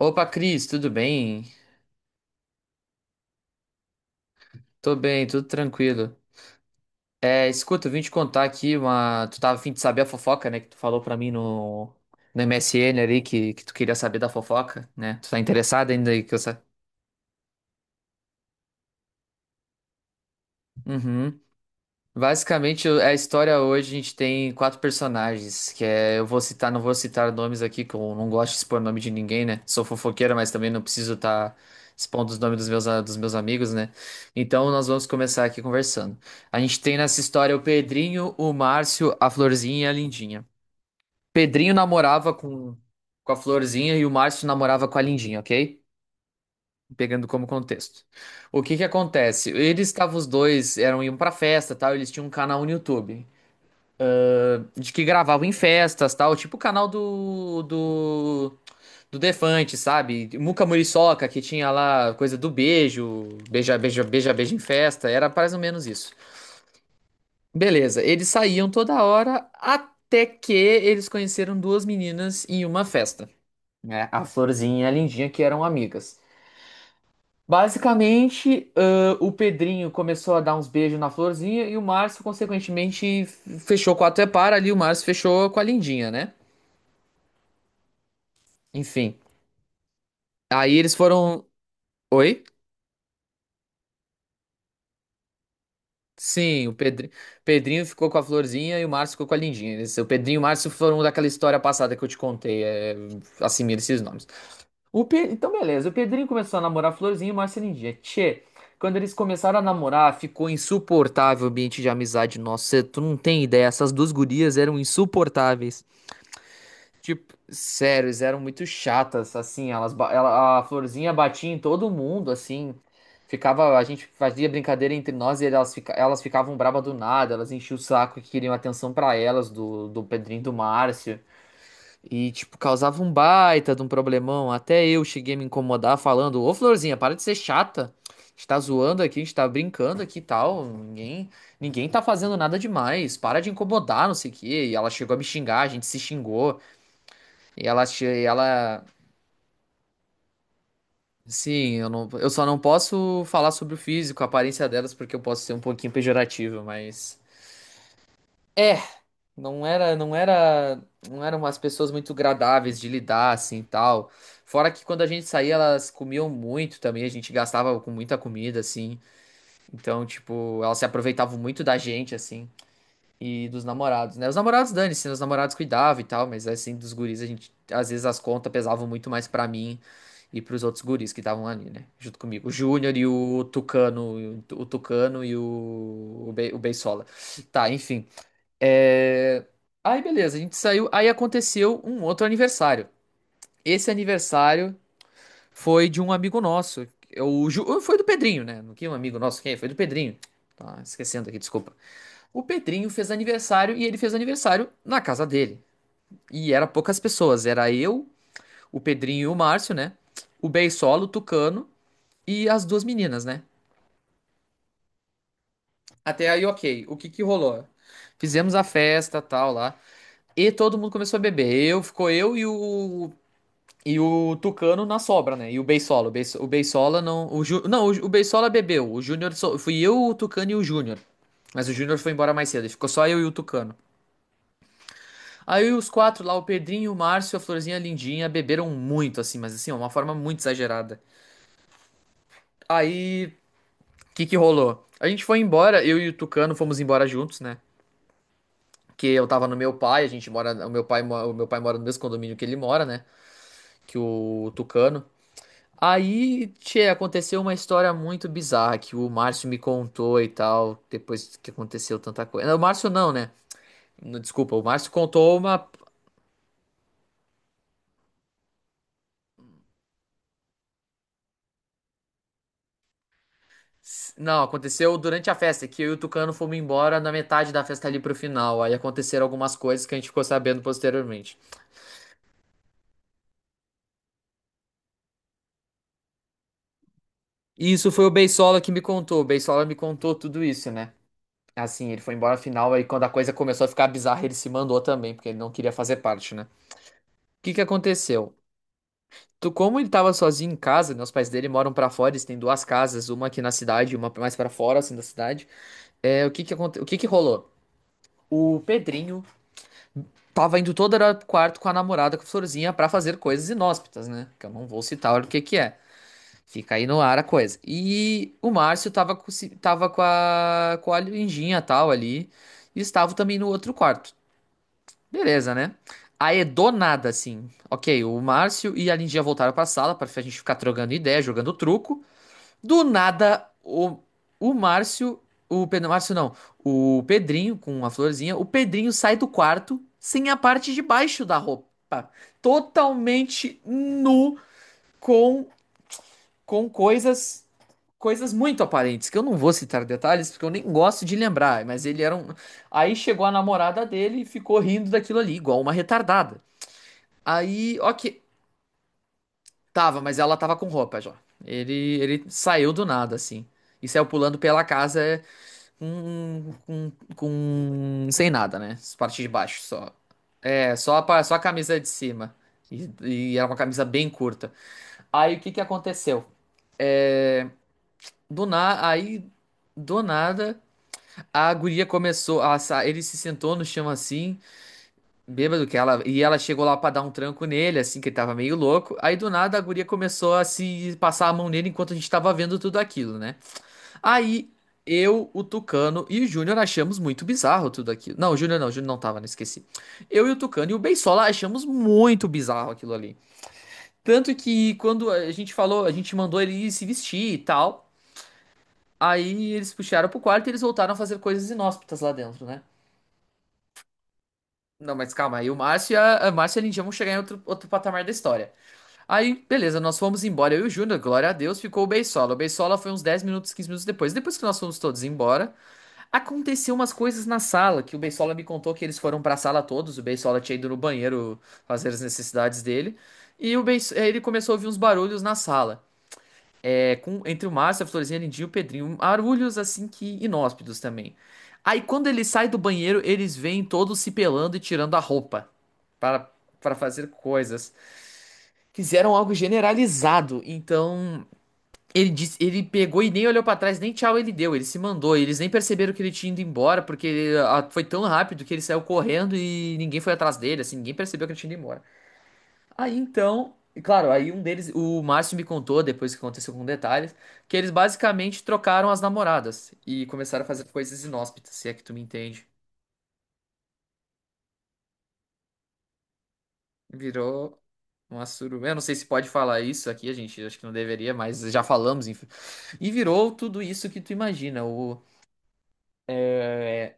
Opa, Cris, tudo bem? Tô bem, tudo tranquilo. É, escuta, eu vim te contar aqui uma. Tu tava a fim de saber a fofoca, né? Que tu falou pra mim no MSN ali que tu queria saber da fofoca, né? Tu tá interessado ainda aí que eu sa... Uhum. Basicamente, a história hoje a gente tem quatro personagens, que é, não vou citar nomes aqui, que eu não gosto de expor nome de ninguém, né? Sou fofoqueiro, mas também não preciso estar expondo os nomes dos meus amigos, né? Então, nós vamos começar aqui conversando. A gente tem nessa história o Pedrinho, o Márcio, a Florzinha e a Lindinha. Pedrinho namorava com a Florzinha e o Márcio namorava com a Lindinha, ok? Pegando como contexto. O que que acontece? Eles estavam os dois, eram iam pra festa, tal, eles tinham um canal no YouTube de que gravavam em festas, tal, tipo o canal do Defante, sabe? Muca Muriçoca, que tinha lá coisa do beijo, beija, beija, beija, beija em festa, era mais ou menos isso. Beleza, eles saíam toda hora até que eles conheceram duas meninas em uma festa, né? A Florzinha e a Lindinha, que eram amigas. Basicamente, o Pedrinho começou a dar uns beijos na Florzinha e o Márcio, consequentemente, fechou com a Tepara ali, o Márcio fechou com a Lindinha, né? Enfim. Aí eles foram. Oi? Sim, o Pedrinho ficou com a Florzinha e o Márcio ficou com a Lindinha. O Pedrinho e o Márcio foram daquela história passada que eu te contei. Assimila esses nomes. Então, beleza. O Pedrinho começou a namorar a Florzinha e o Márcio a Lindinha. Tchê, quando eles começaram a namorar, ficou insuportável o ambiente de amizade nosso. Tu não tem ideia. Essas duas gurias eram insuportáveis. Tipo, sério, eles eram muito chatas, assim, a florzinha batia em todo mundo, assim, a gente fazia brincadeira entre nós e elas, elas ficavam braba do nada, elas enchiam o saco e queriam atenção pra elas, do Pedrinho e do Márcio, e, tipo, causava um baita de um problemão, até eu cheguei a me incomodar falando, ô florzinha, para de ser chata, a gente tá zoando aqui, a gente tá brincando aqui e tal, ninguém tá fazendo nada demais, para de incomodar, não sei o quê, e ela chegou a me xingar, a gente se xingou, e ela, che- e ela, sim, eu só não posso falar sobre o físico, a aparência delas, porque eu posso ser um pouquinho pejorativo, mas é, não era, não era, não eram umas pessoas muito agradáveis de lidar assim, e tal. Fora que quando a gente saía, elas comiam muito também, a gente gastava com muita comida assim. Então, tipo, elas se aproveitavam muito da gente assim. E dos namorados, né? Os namorados, dane-se, né? Os namorados cuidavam e tal, mas é assim, dos guris, a gente, às vezes as contas pesavam muito mais pra mim e pros outros guris que estavam ali, né? Junto comigo. O Júnior e o Tucano e o Beisola. Tá, enfim. É... Aí, beleza, a gente saiu. Aí aconteceu um outro aniversário. Esse aniversário foi de um amigo nosso. Foi do Pedrinho, né? Não que um amigo nosso, quem? É? Foi do Pedrinho. Tá esquecendo aqui, desculpa. O Pedrinho fez aniversário e ele fez aniversário na casa dele. E era poucas pessoas, era eu, o Pedrinho e o Márcio, né? O Beisolo, o Tucano e as duas meninas, né? Até aí, ok. O que que rolou? Fizemos a festa, tal, lá. E todo mundo começou a beber. Ficou eu e o Tucano na sobra, né? E o Beisolo, o Beisola não, o Beisola bebeu. Fui eu, o Tucano e o Júnior. Mas o Júnior foi embora mais cedo, e ficou só eu e o Tucano. Aí os quatro lá, o Pedrinho, o Márcio, a Florzinha e a Lindinha, beberam muito, assim, mas assim, ó, uma forma muito exagerada. Aí, o que que rolou? A gente foi embora, eu e o Tucano fomos embora juntos, né? Que eu tava no meu pai, a gente mora, o meu pai, mo- o meu pai mora no mesmo condomínio que ele mora, né? Que o Tucano. Aí, tchê, aconteceu uma história muito bizarra que o Márcio me contou e tal, depois que aconteceu tanta coisa. Não, o Márcio não, né? Não, desculpa, o Márcio contou uma. Não, aconteceu durante a festa, é que eu e o Tucano fomos embora na metade da festa ali pro final. Aí aconteceram algumas coisas que a gente ficou sabendo posteriormente. E isso foi o Beisola que me contou. O Beisola me contou tudo isso, né? Assim, ele foi embora final, aí quando a coisa começou a ficar bizarra, ele se mandou também, porque ele não queria fazer parte, né? O que que aconteceu? Como ele tava sozinho em casa, né? Os pais dele moram pra fora, eles têm duas casas, uma aqui na cidade e uma mais pra fora, assim, da cidade. É, o que que rolou? O Pedrinho tava indo todo hora pro quarto com a namorada, com a florzinha, pra fazer coisas inóspitas, né? Que eu não vou citar o que que é. Fica aí no ar a coisa. E o Márcio tava com, ci- tava com a Lindinha tal ali. E estava também no outro quarto. Beleza, né? Aí do nada, assim. Ok, o Márcio e a Lindinha voltaram pra sala pra a gente ficar trocando ideia, jogando truco. Do nada, o Márcio. Márcio não. O Pedrinho com a florzinha. O Pedrinho sai do quarto sem a parte de baixo da roupa. Totalmente nu com, com coisas. Coisas muito aparentes, que eu não vou citar detalhes, porque eu nem gosto de lembrar, mas ele era um. Aí chegou a namorada dele e ficou rindo daquilo ali, igual uma retardada. Aí, ok. Tava, mas ela tava com roupa já. Ele saiu do nada, assim. E saiu pulando pela casa sem nada, né? As partes de baixo só. É, só a camisa de cima. E era uma camisa bem curta. Aí o que que aconteceu? Aí, do nada, a guria começou. Ele se sentou no chão assim, bêbado que ela. E ela chegou lá pra dar um tranco nele, assim, que ele tava meio louco. Aí do nada a guria começou a se passar a mão nele enquanto a gente tava vendo tudo aquilo, né? Aí eu, o Tucano e o Júnior achamos muito bizarro tudo aquilo. Não, o Júnior não, o Júnior não tava, não esqueci. Eu e o Tucano e o Beisola achamos muito bizarro aquilo ali. Tanto que quando a gente falou, a gente mandou ele se vestir e tal. Aí eles puxaram pro quarto e eles voltaram a fazer coisas inóspitas lá dentro, né? Não, mas calma, aí o Márcio e a Lindinha vão chegar em outro patamar da história. Aí, beleza, nós fomos embora, eu e o Júnior, glória a Deus, ficou o Beisola. O Beisola foi uns 10 minutos, 15 minutos depois. Depois que nós fomos todos embora. Aconteceu umas coisas na sala, que o Beisola me contou que eles foram pra sala todos, o Beisola tinha ido no banheiro fazer as necessidades dele, e ele começou a ouvir uns barulhos na sala, entre o Márcio, a Florzinha, a Lindinha e o Pedrinho, barulhos assim que inóspitos também. Aí quando ele sai do banheiro, eles vêm todos se pelando e tirando a roupa para para fazer coisas. Fizeram algo generalizado, então ele disse, ele pegou e nem olhou pra trás, nem tchau ele deu, ele se mandou. Eles nem perceberam que ele tinha ido embora, porque ele, foi tão rápido que ele saiu correndo e ninguém foi atrás dele, assim, ninguém percebeu que ele tinha ido embora. Aí então, e claro, aí um deles, o Márcio me contou, depois que aconteceu com detalhes, que eles basicamente trocaram as namoradas e começaram a fazer coisas inóspitas, se é que tu me entende. Virou uma suruba. Eu não sei se pode falar isso aqui, a gente acho que não deveria, mas já falamos, enfim. E virou tudo isso que tu imagina, é,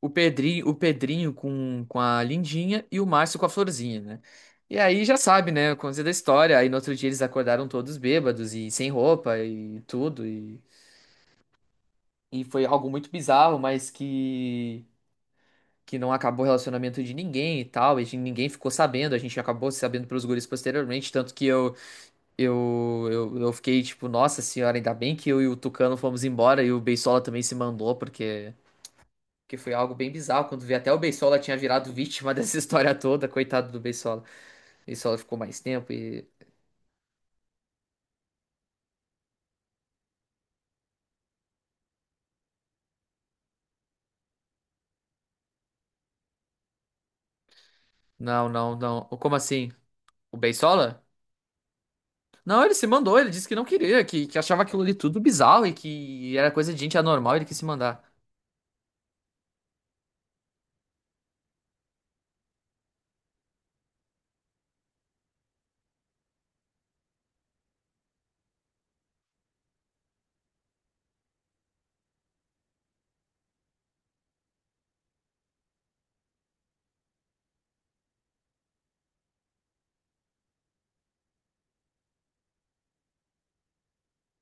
o Pedrinho com a Lindinha e o Márcio com a Florzinha, né? E aí já sabe, né? Coisa da história. Aí no outro dia eles acordaram todos bêbados e sem roupa e tudo. E foi algo muito bizarro, mas que não acabou o relacionamento de ninguém e tal. E ninguém ficou sabendo. A gente acabou sabendo pelos guris posteriormente. Tanto que eu fiquei tipo, nossa senhora, ainda bem que eu e o Tucano fomos embora e o Beisola também se mandou, porque. Que foi algo bem bizarro, quando vi até o Beisola tinha virado vítima dessa história toda, coitado do Beisola. O Beisola ficou mais tempo e. Não, não, não. Como assim? O Beisola? Não, ele se mandou, ele disse que não queria, que achava aquilo ali tudo bizarro e que era coisa de gente anormal, ele quis se mandar.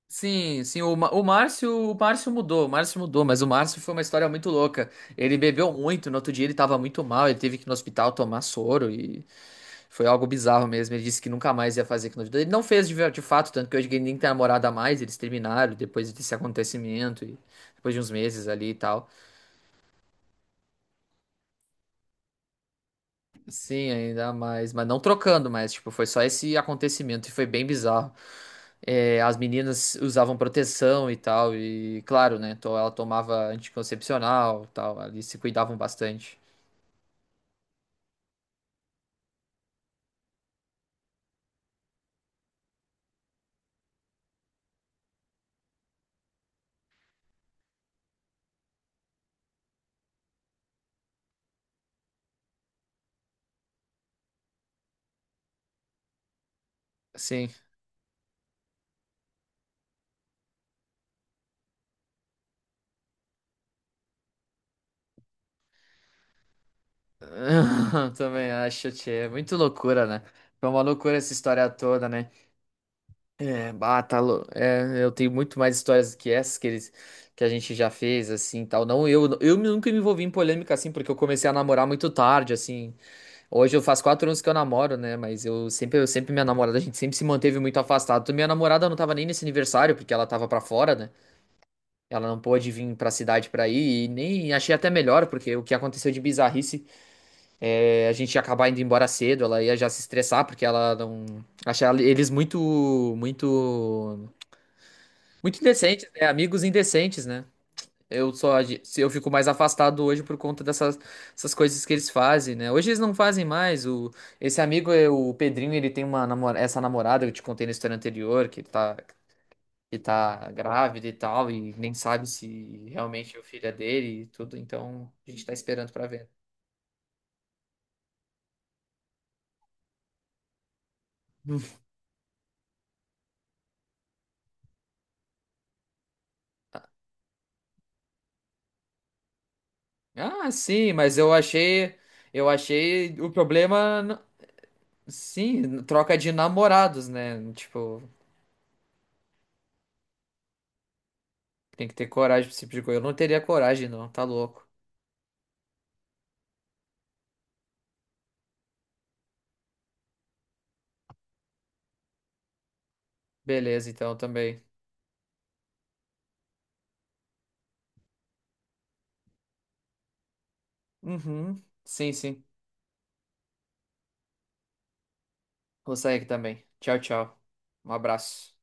Sim, sim, o Márcio mudou, mas o Márcio foi uma história muito louca. Ele bebeu muito, no outro dia ele tava muito mal, ele teve que ir no hospital tomar soro e foi algo bizarro mesmo. Ele disse que nunca mais ia fazer aquilo na vida. Ele não fez de fato, tanto que hoje ele nem tem namorada mais, eles terminaram depois desse acontecimento, e depois de uns meses ali e tal. Sim, ainda mais. Mas não trocando, mas tipo, foi só esse acontecimento e foi bem bizarro. É, as meninas usavam proteção e tal, e claro, né? Ela tomava anticoncepcional e tal, ali se cuidavam bastante. Sim. Também acho, tchê. Muito loucura, né? Foi uma loucura essa história toda, né? É, bah, eu tenho muito mais histórias que essas que a gente já fez, assim, tal. Não, eu nunca me envolvi em polêmica, assim, porque eu comecei a namorar muito tarde, assim. Hoje eu faço 4 anos que eu namoro, né? Mas minha namorada, a gente sempre se manteve muito afastado. Minha namorada não tava nem nesse aniversário, porque ela tava pra fora, né? Ela não pôde vir pra cidade pra ir, e nem achei até melhor, porque o que aconteceu de bizarrice, a gente ia acabar indo embora cedo, ela ia já se estressar, porque ela não. Achava eles muito, muito, muito indecentes, né? Amigos indecentes, né? Se eu fico mais afastado hoje por conta dessas essas coisas que eles fazem, né? Hoje eles não fazem mais. Esse amigo, é o Pedrinho, ele tem uma namora, essa namorada que eu te contei na história anterior, que tá, grávida e tal, e nem sabe se realmente é o filho é dele e tudo, então a gente tá esperando pra ver. Ah, sim, mas eu achei o problema, sim, troca de namorados, né? Tipo, tem que ter coragem pra esse tipo de coisa. Eu não teria coragem, não, tá louco. Beleza, então também. Uhum. Sim, sim. Vou sair aqui também. Tchau, tchau. Um abraço.